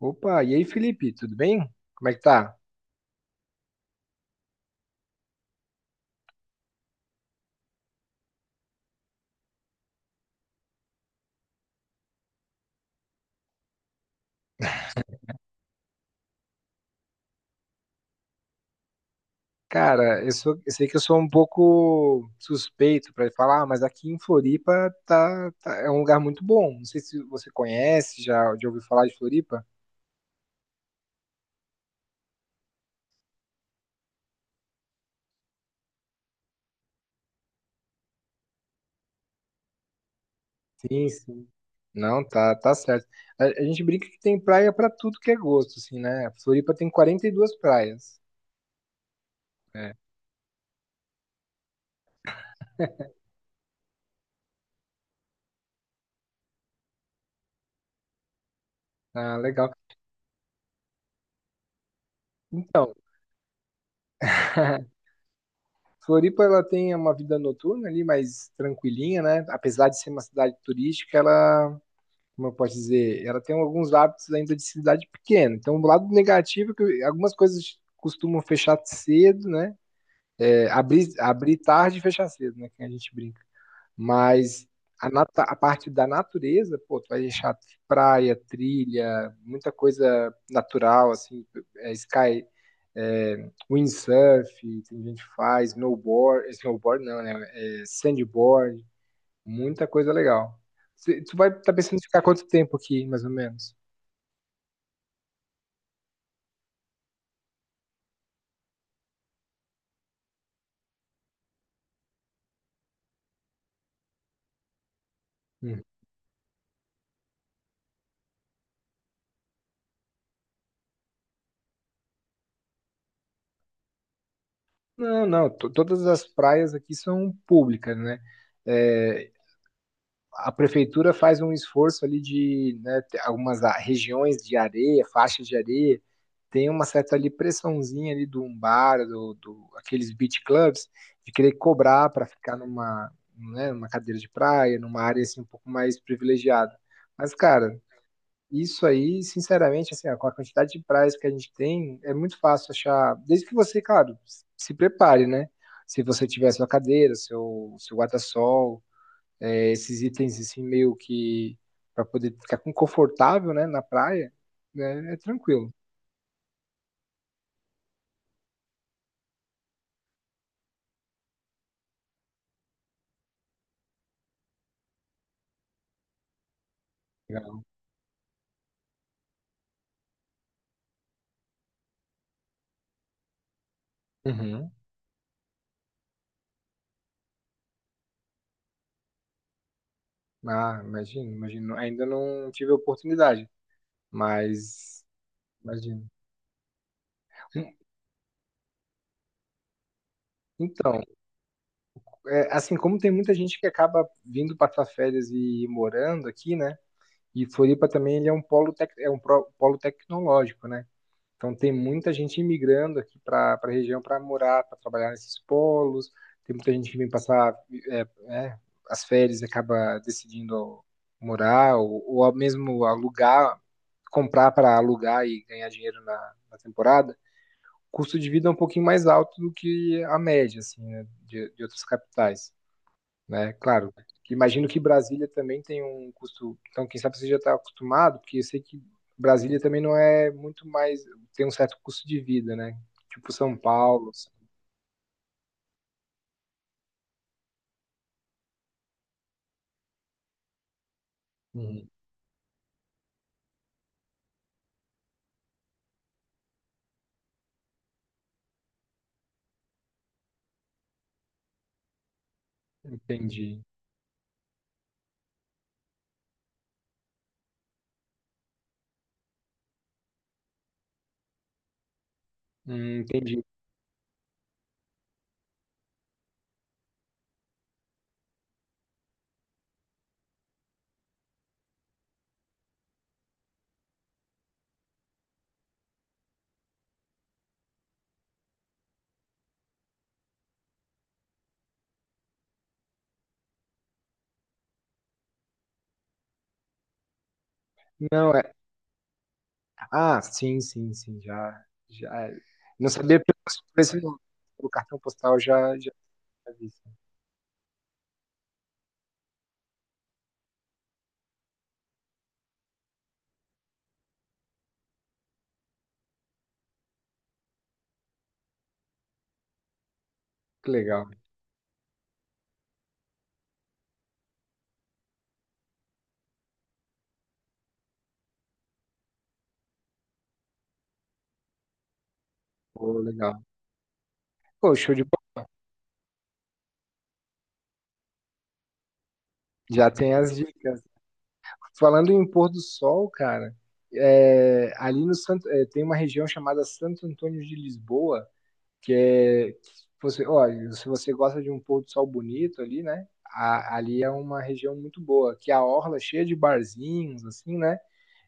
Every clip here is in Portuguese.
Opa, e aí, Felipe, tudo bem? Como é que tá? Cara, eu sei que eu sou um pouco suspeito para falar, mas aqui em Floripa é um lugar muito bom. Não sei se você conhece, já, já ouviu falar de Floripa? Sim, sim. Não, tá, tá certo. A gente brinca que tem praia para tudo que é gosto, assim, né? Floripa tem 42 praias. É. Ah, legal. Então, Floripa ela tem uma vida noturna ali mais tranquilinha, né? Apesar de ser uma cidade turística, ela como eu posso dizer, ela tem alguns hábitos ainda de cidade pequena. Então, o lado negativo é que algumas coisas costumam fechar cedo, né? É, abrir tarde e fechar cedo, né? Que a gente brinca. Mas a parte da natureza, pô, tu vai deixar praia, trilha, muita coisa natural, assim, é, sky, é, windsurf, tem gente que faz snowboard, snowboard não, né? É, sandboard. Muita coisa legal. Tu vai estar pensando em ficar quanto tempo aqui, mais ou menos? Hum. Não, não. Todas as praias aqui são públicas, né? É, a prefeitura faz um esforço ali de, né, ter algumas regiões de areia, faixas de areia, tem uma certa ali pressãozinha ali do um bar, do aqueles beach clubs, de querer cobrar para ficar numa, né, numa cadeira de praia, numa área assim um pouco mais privilegiada. Mas, cara, isso aí, sinceramente, assim, ó, com a quantidade de praias que a gente tem, é muito fácil achar, desde que você, claro, se prepare, né? Se você tiver sua cadeira, seu guarda-sol, é, esses itens assim meio que para poder ficar confortável, né, na praia, né, é tranquilo. Legal. Uhum. Ah, imagino, imagino. Ainda não tive a oportunidade, mas imagino. Então, é, assim como tem muita gente que acaba vindo passar férias e morando aqui, né? E Floripa também ele é um polo, tec, é um polo tecnológico, né? Então tem muita gente imigrando aqui para a região para morar, para trabalhar nesses polos. Tem muita gente que vem passar é, é, as férias e acaba decidindo morar ou ao mesmo alugar, comprar para alugar e ganhar dinheiro na, na temporada. O custo de vida é um pouquinho mais alto do que a média, assim, né, de outras capitais, né? Claro, imagino que Brasília também tem um custo, então quem sabe você já está acostumado, porque eu sei que Brasília também não é muito mais, tem um certo custo de vida, né? Tipo São Paulo, assim. Uhum. Entendi. Entendi. Não, é, ah, sim, sim, sim, já, já, é. Não sabia pelo, por esse- pelo cartão postal, já, já, tinha visto. Que legal, pô, show de bola, já tem as dicas. Falando em pôr do sol, cara, é, ali no Santo, é, tem uma região chamada Santo Antônio de Lisboa, que é que você, olha, se você gosta de um pôr do sol bonito ali, né? Ali é uma região muito boa, que a orla é cheia de barzinhos, assim, né?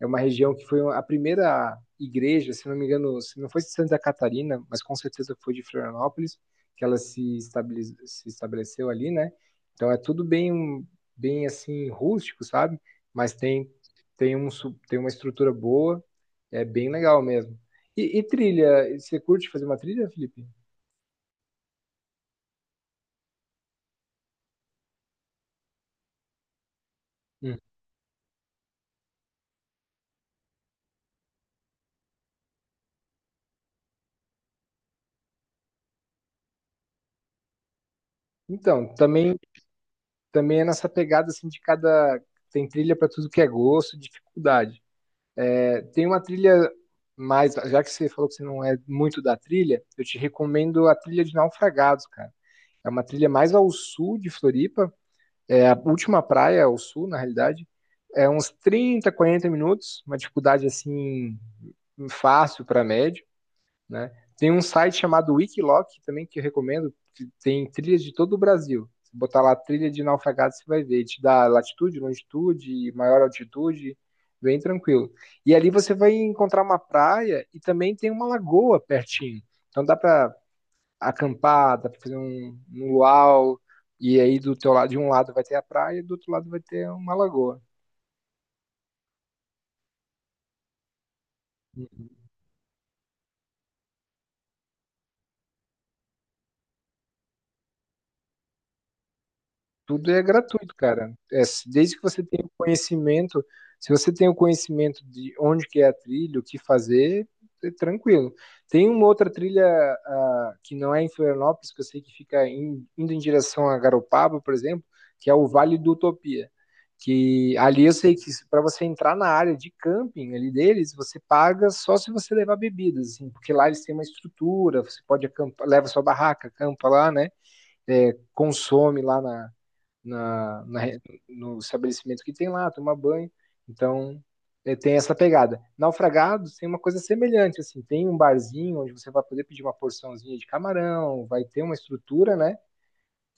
É uma região que foi a primeira igreja, se não me engano, se não foi de Santa Catarina, mas com certeza foi de Florianópolis, que ela se, se estabeleceu ali, né? Então é tudo bem, bem assim, rústico, sabe? Mas tem, tem, um, tem uma estrutura boa, é bem legal mesmo. E trilha, você curte fazer uma trilha, Felipe? Hum. Então, também, também é nessa pegada assim de cada. Tem trilha para tudo que é gosto, dificuldade. É, tem uma trilha mais, já que você falou que você não é muito da trilha, eu te recomendo a trilha de Naufragados, cara. É uma trilha mais ao sul de Floripa, é a última praia ao sul, na realidade. É uns 30, 40 minutos, uma dificuldade assim fácil para médio. Né? Tem um site chamado Wikiloc também que eu recomendo, que tem trilhas de todo o Brasil. Se botar lá trilha de naufragado, você vai ver. Te dá latitude, longitude, maior altitude, bem tranquilo. E ali você vai encontrar uma praia e também tem uma lagoa pertinho. Então dá para acampar, dá para fazer um, um luau, e aí do teu lado, de um lado vai ter a praia, do outro lado vai ter uma lagoa. Tudo é gratuito, cara. É, desde que você tenha o conhecimento, se você tem o conhecimento de onde que é a trilha, o que fazer, é tranquilo. Tem uma outra trilha, ah, que não é em Florianópolis, que eu sei que fica indo em direção a Garopaba, por exemplo, que é o Vale do Utopia. Que ali eu sei que para você entrar na área de camping ali deles, você paga só se você levar bebidas, assim, porque lá eles têm uma estrutura, você pode acampar, leva sua barraca, acampa lá, né? É, consome lá na na, na no estabelecimento que tem lá, tomar banho. Então, é, tem essa pegada. Naufragados tem uma coisa semelhante, assim, tem um barzinho onde você vai poder pedir uma porçãozinha de camarão, vai ter uma estrutura, né?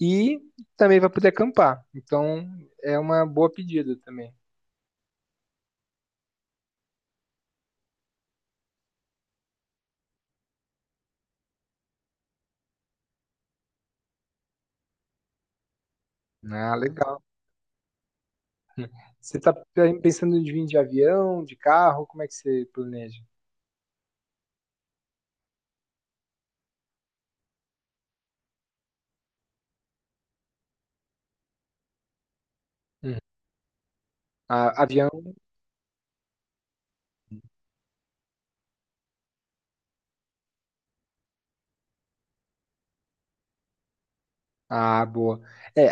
E também vai poder acampar. Então, é uma boa pedida também. Ah, legal. Você está pensando de vir de avião, de carro? Como é que você planeja? Hum. Ah, avião? Ah, boa. É,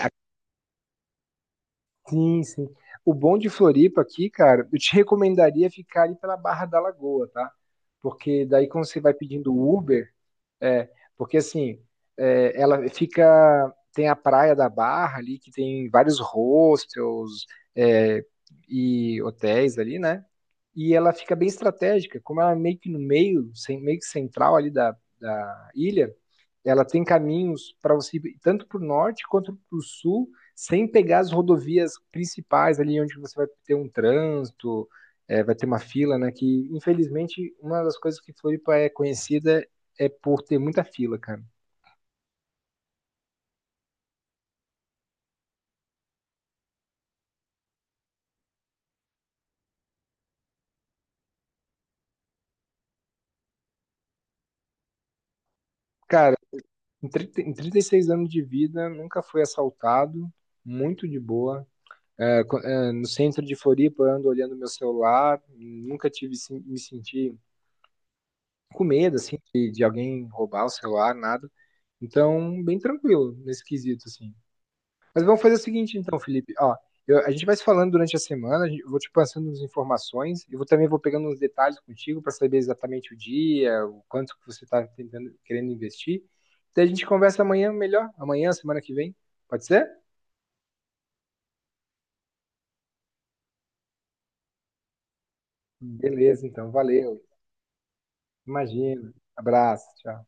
sim, sim. O bom de Floripa aqui, cara, eu te recomendaria ficar ali pela Barra da Lagoa, tá? Porque daí quando você vai pedindo Uber, é, porque assim, é, ela fica, tem a praia da Barra ali, que tem vários hostels, é, e hotéis ali, né? E ela fica bem estratégica, como ela é meio que no meio, meio que central ali da, da ilha, ela tem caminhos para você ir tanto para o norte quanto para o sul, sem pegar as rodovias principais ali onde você vai ter um trânsito, é, vai ter uma fila, né? Que infelizmente uma das coisas que Floripa é conhecida é por ter muita fila, cara. Cara, em 30 em 36 anos de vida, nunca fui assaltado, muito de boa. É, é, no centro de Floripa, eu ando olhando meu celular, nunca tive me senti com medo, assim, de alguém roubar o celular, nada. Então, bem tranquilo nesse quesito, assim. Mas vamos fazer o seguinte, então, Felipe. Ó, a gente vai se falando durante a semana, eu vou te passando as informações, e vou, também vou pegando uns detalhes contigo para saber exatamente o dia, o quanto que você está tentando, querendo investir. Daí a gente conversa amanhã melhor, amanhã, semana que vem. Pode ser? Beleza, então, valeu. Imagina. Abraço, tchau.